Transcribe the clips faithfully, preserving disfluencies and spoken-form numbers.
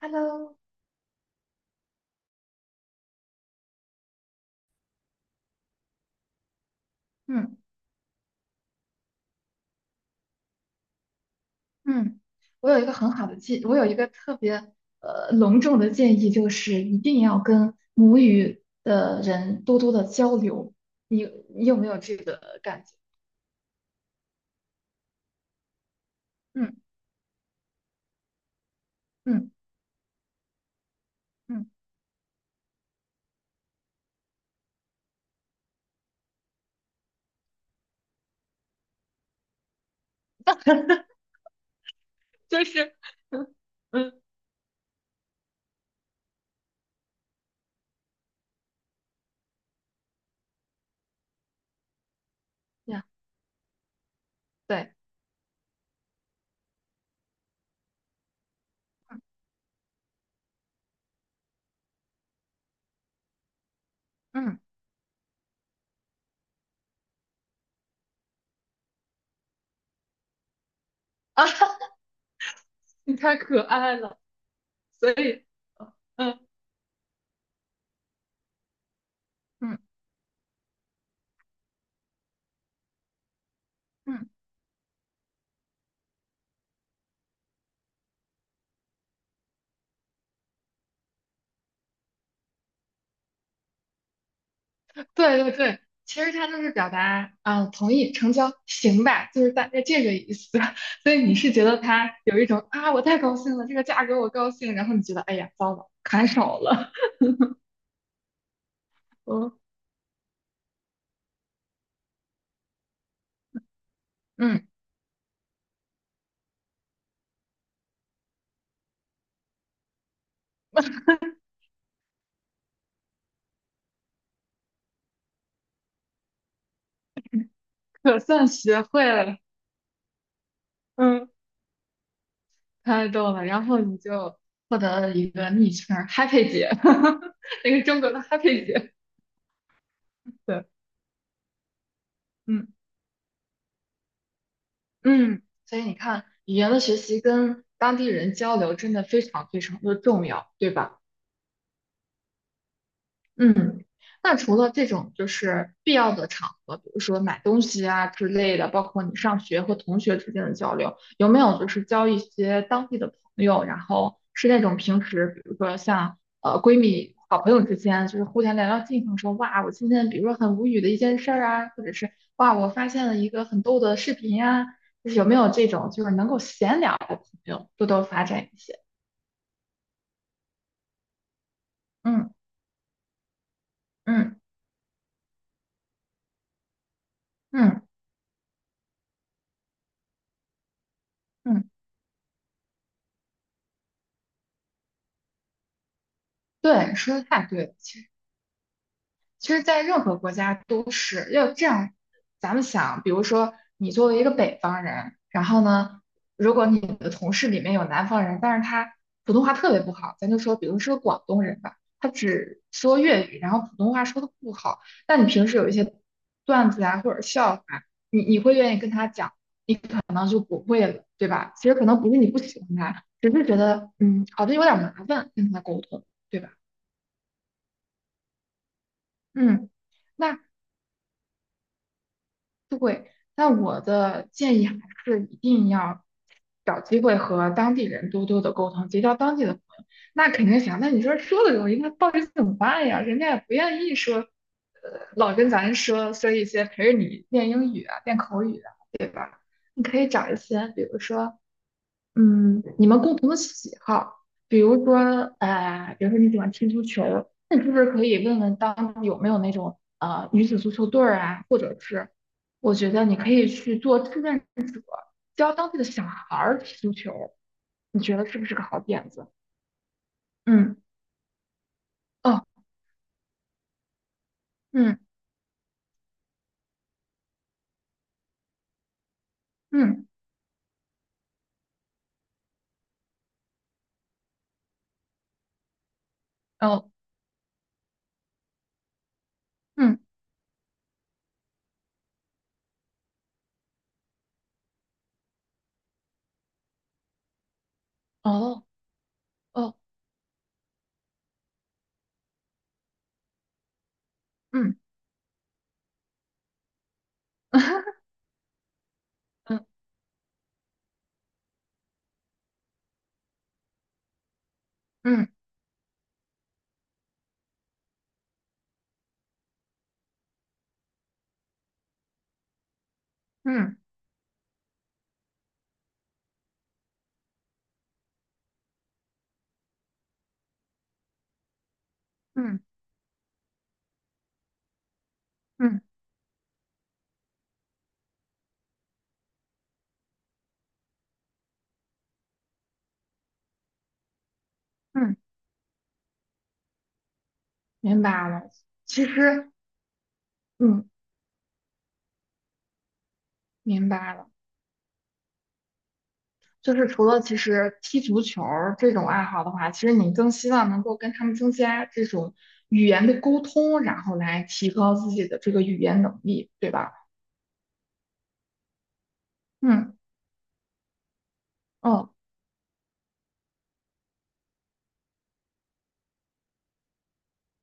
Hello，嗯嗯，我有一个很好的建，我有一个特别呃隆重的建议，就是一定要跟母语的人多多的交流。你你有没有这个感觉？嗯嗯嗯，就是 嗯嗯呀，对，嗯嗯啊，你太可爱了，所以，嗯，嗯嗯。对对对，其实他就是表达，啊，同意成交，行吧，就是大概这个意思。所以你是觉得他有一种啊，我太高兴了，这个价格我高兴，然后你觉得，哎呀，糟了，砍手了，嗯嗯，可算学会了，嗯，太逗了。然后你就获得了一个昵称 h a p p y 姐，那个中国的 Happy 姐，对，嗯嗯，所以你看，语言的学习跟当地人交流真的非常非常的重要，对吧？嗯，那除了这种就是必要的场合，比如说买东西啊之类的，包括你上学和同学之间的交流，有没有就是交一些当地的朋友，然后是那种平时，比如说像呃闺蜜、好朋友之间，就是互相聊聊近况，说哇，我今天比如说很无语的一件事儿啊，或者是哇，我发现了一个很逗的视频呀、就是有没有这种就是能够闲聊的朋友，多多发展一些。嗯嗯嗯嗯，对，说的太对了，其实。其实，在任何国家都是要这样。咱们想，比如说你作为一个北方人，然后呢，如果你的同事里面有南方人，但是他普通话特别不好，咱就说，比如是个广东人吧，他只说粤语，然后普通话说的不好，那你平时有一些段子啊或者笑话，你你会愿意跟他讲，你可能就不会了，对吧？其实可能不是你不喜欢他，只是觉得嗯，好像有点麻烦跟他沟通，对吧？嗯，那对，那我的建议还是一定要找机会和当地人多多的沟通，结交当地的朋友。那肯定想，那你说说的容易，那到底怎么办呀？人家也不愿意说，呃，老跟咱说说一些陪着你练英语啊、练口语啊。你可以找一些，比如说嗯，你们共同的喜好，比如说，呃，比如说你喜欢踢足球，那你是不是可以问问当地有没有那种呃女子足球队儿啊，或者是，我觉得你可以去做志愿者，教当地的小孩儿踢足球，你觉得是不是个好点子？嗯，哦，嗯嗯，哦，嗯，哦，哦，嗯。嗯嗯嗯嗯嗯嗯，嗯明白了。其实，嗯，明白了。就是除了其实踢足球儿这种爱好的话，其实你更希望能够跟他们增加这种语言的沟通，然后来提高自己的这个语言能力，对吧？嗯嗯。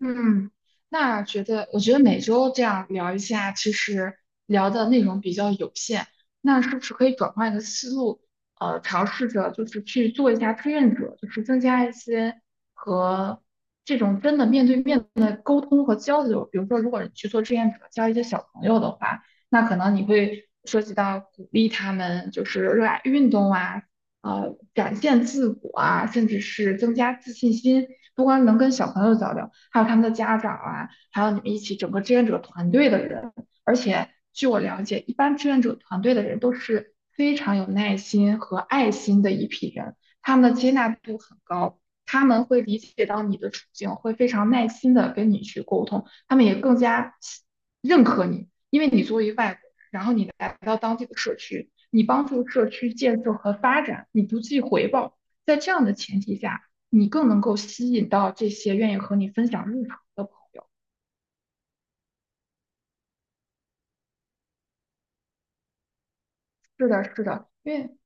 嗯，那觉得，我觉得每周这样聊一下，其实聊的内容比较有限，那是不是可以转换一个思路，呃，尝试着就是去做一下志愿者，就是增加一些和这种真的面对面的沟通和交流。比如说，如果你去做志愿者，教一些小朋友的话，那可能你会涉及到鼓励他们，就是热爱运动啊，呃展现自我啊，甚至是增加自信心。不光能跟小朋友交流，还有他们的家长啊，还有你们一起整个志愿者团队的人。而且据我了解，一般志愿者团队的人都是非常有耐心和爱心的一批人，他们的接纳度很高。他们会理解到你的处境，会非常耐心的跟你去沟通，他们也更加认可你，因为你作为外然后你来到当地的社区，你帮助社区建设和发展，你不计回报。在这样的前提下，你更能够吸引到这些愿意和你分享日常的朋友。是的，是的，因为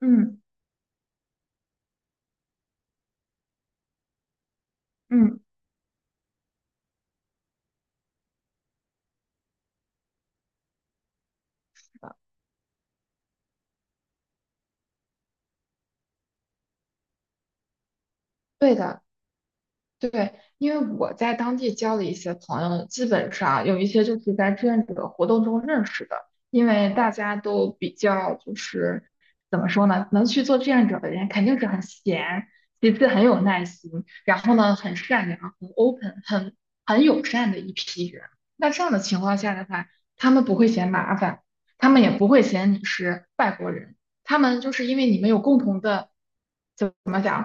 嗯嗯，对的。对，因为我在当地交的一些朋友，基本上有一些就是在志愿者活动中认识的，因为大家都比较就是怎么说呢，能去做志愿者的人肯定是很闲，其次很有耐心，然后呢很善良、很 open、很很友善的一批人。那这样的情况下的话，他们不会嫌麻烦，他们也不会嫌你是外国人，他们就是因为你们有共同的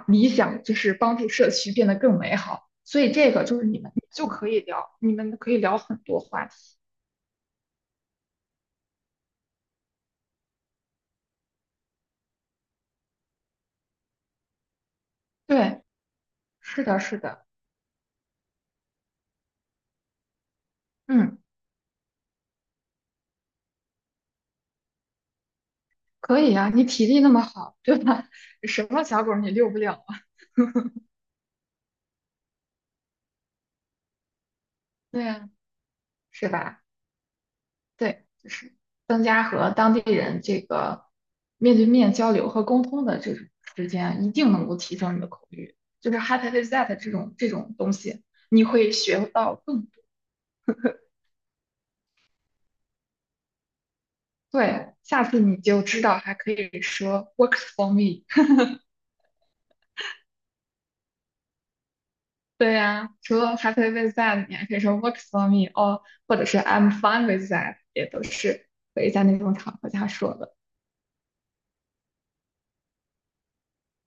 理想就是帮助社区变得更美好。所以这个就是你们就可以聊，你们可以聊很多话题。对，是的，是的，嗯，可以啊，你体力那么好，对吧？什么小狗你遛不了啊？对呀，是吧？对，就是增加和当地人这个面对面交流和沟通的这种时间啊，一定能够提升你的口语。就是 Happy with that 这种这种东西，你会学到更对，下次你就知道还可以说 works for me。对呀、除了 happy with that，你还可以说 works for me，哦，或者是 I'm fine with that，也都是可以在那种场合下说的。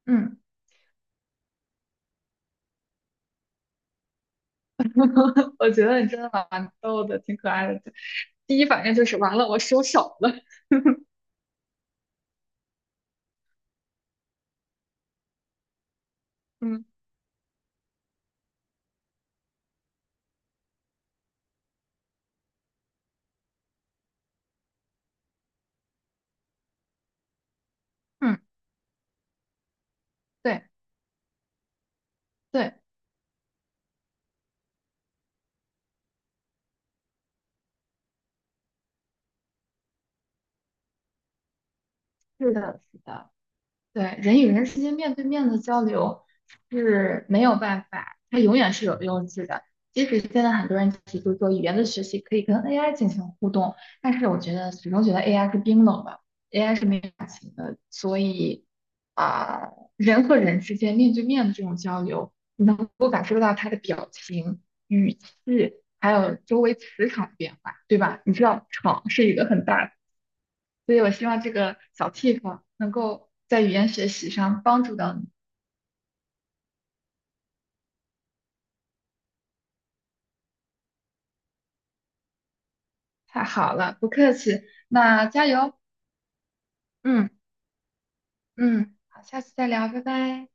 嗯，我觉得你真的蛮逗的，挺可爱的。第一反应就是完了，我收手了。嗯嗯，对对，是的，是的。对，人与人之间面对面的交流是没有办法，它永远是有用处的。即使现在很多人提出说语言的学习可以跟 A I 进行互动，但是我觉得始终觉得 A I 是冰冷的，A I 是没有感情的，所以啊、人和人之间面对面的这种交流，你能够感受到他的表情、语气，还有周围磁场的变化，对吧？你知道场是一个很大所以我希望这个小 tip 能够在语言学习上帮助到你。太好了，不客气，那加油，嗯嗯，好，下次再聊，拜拜。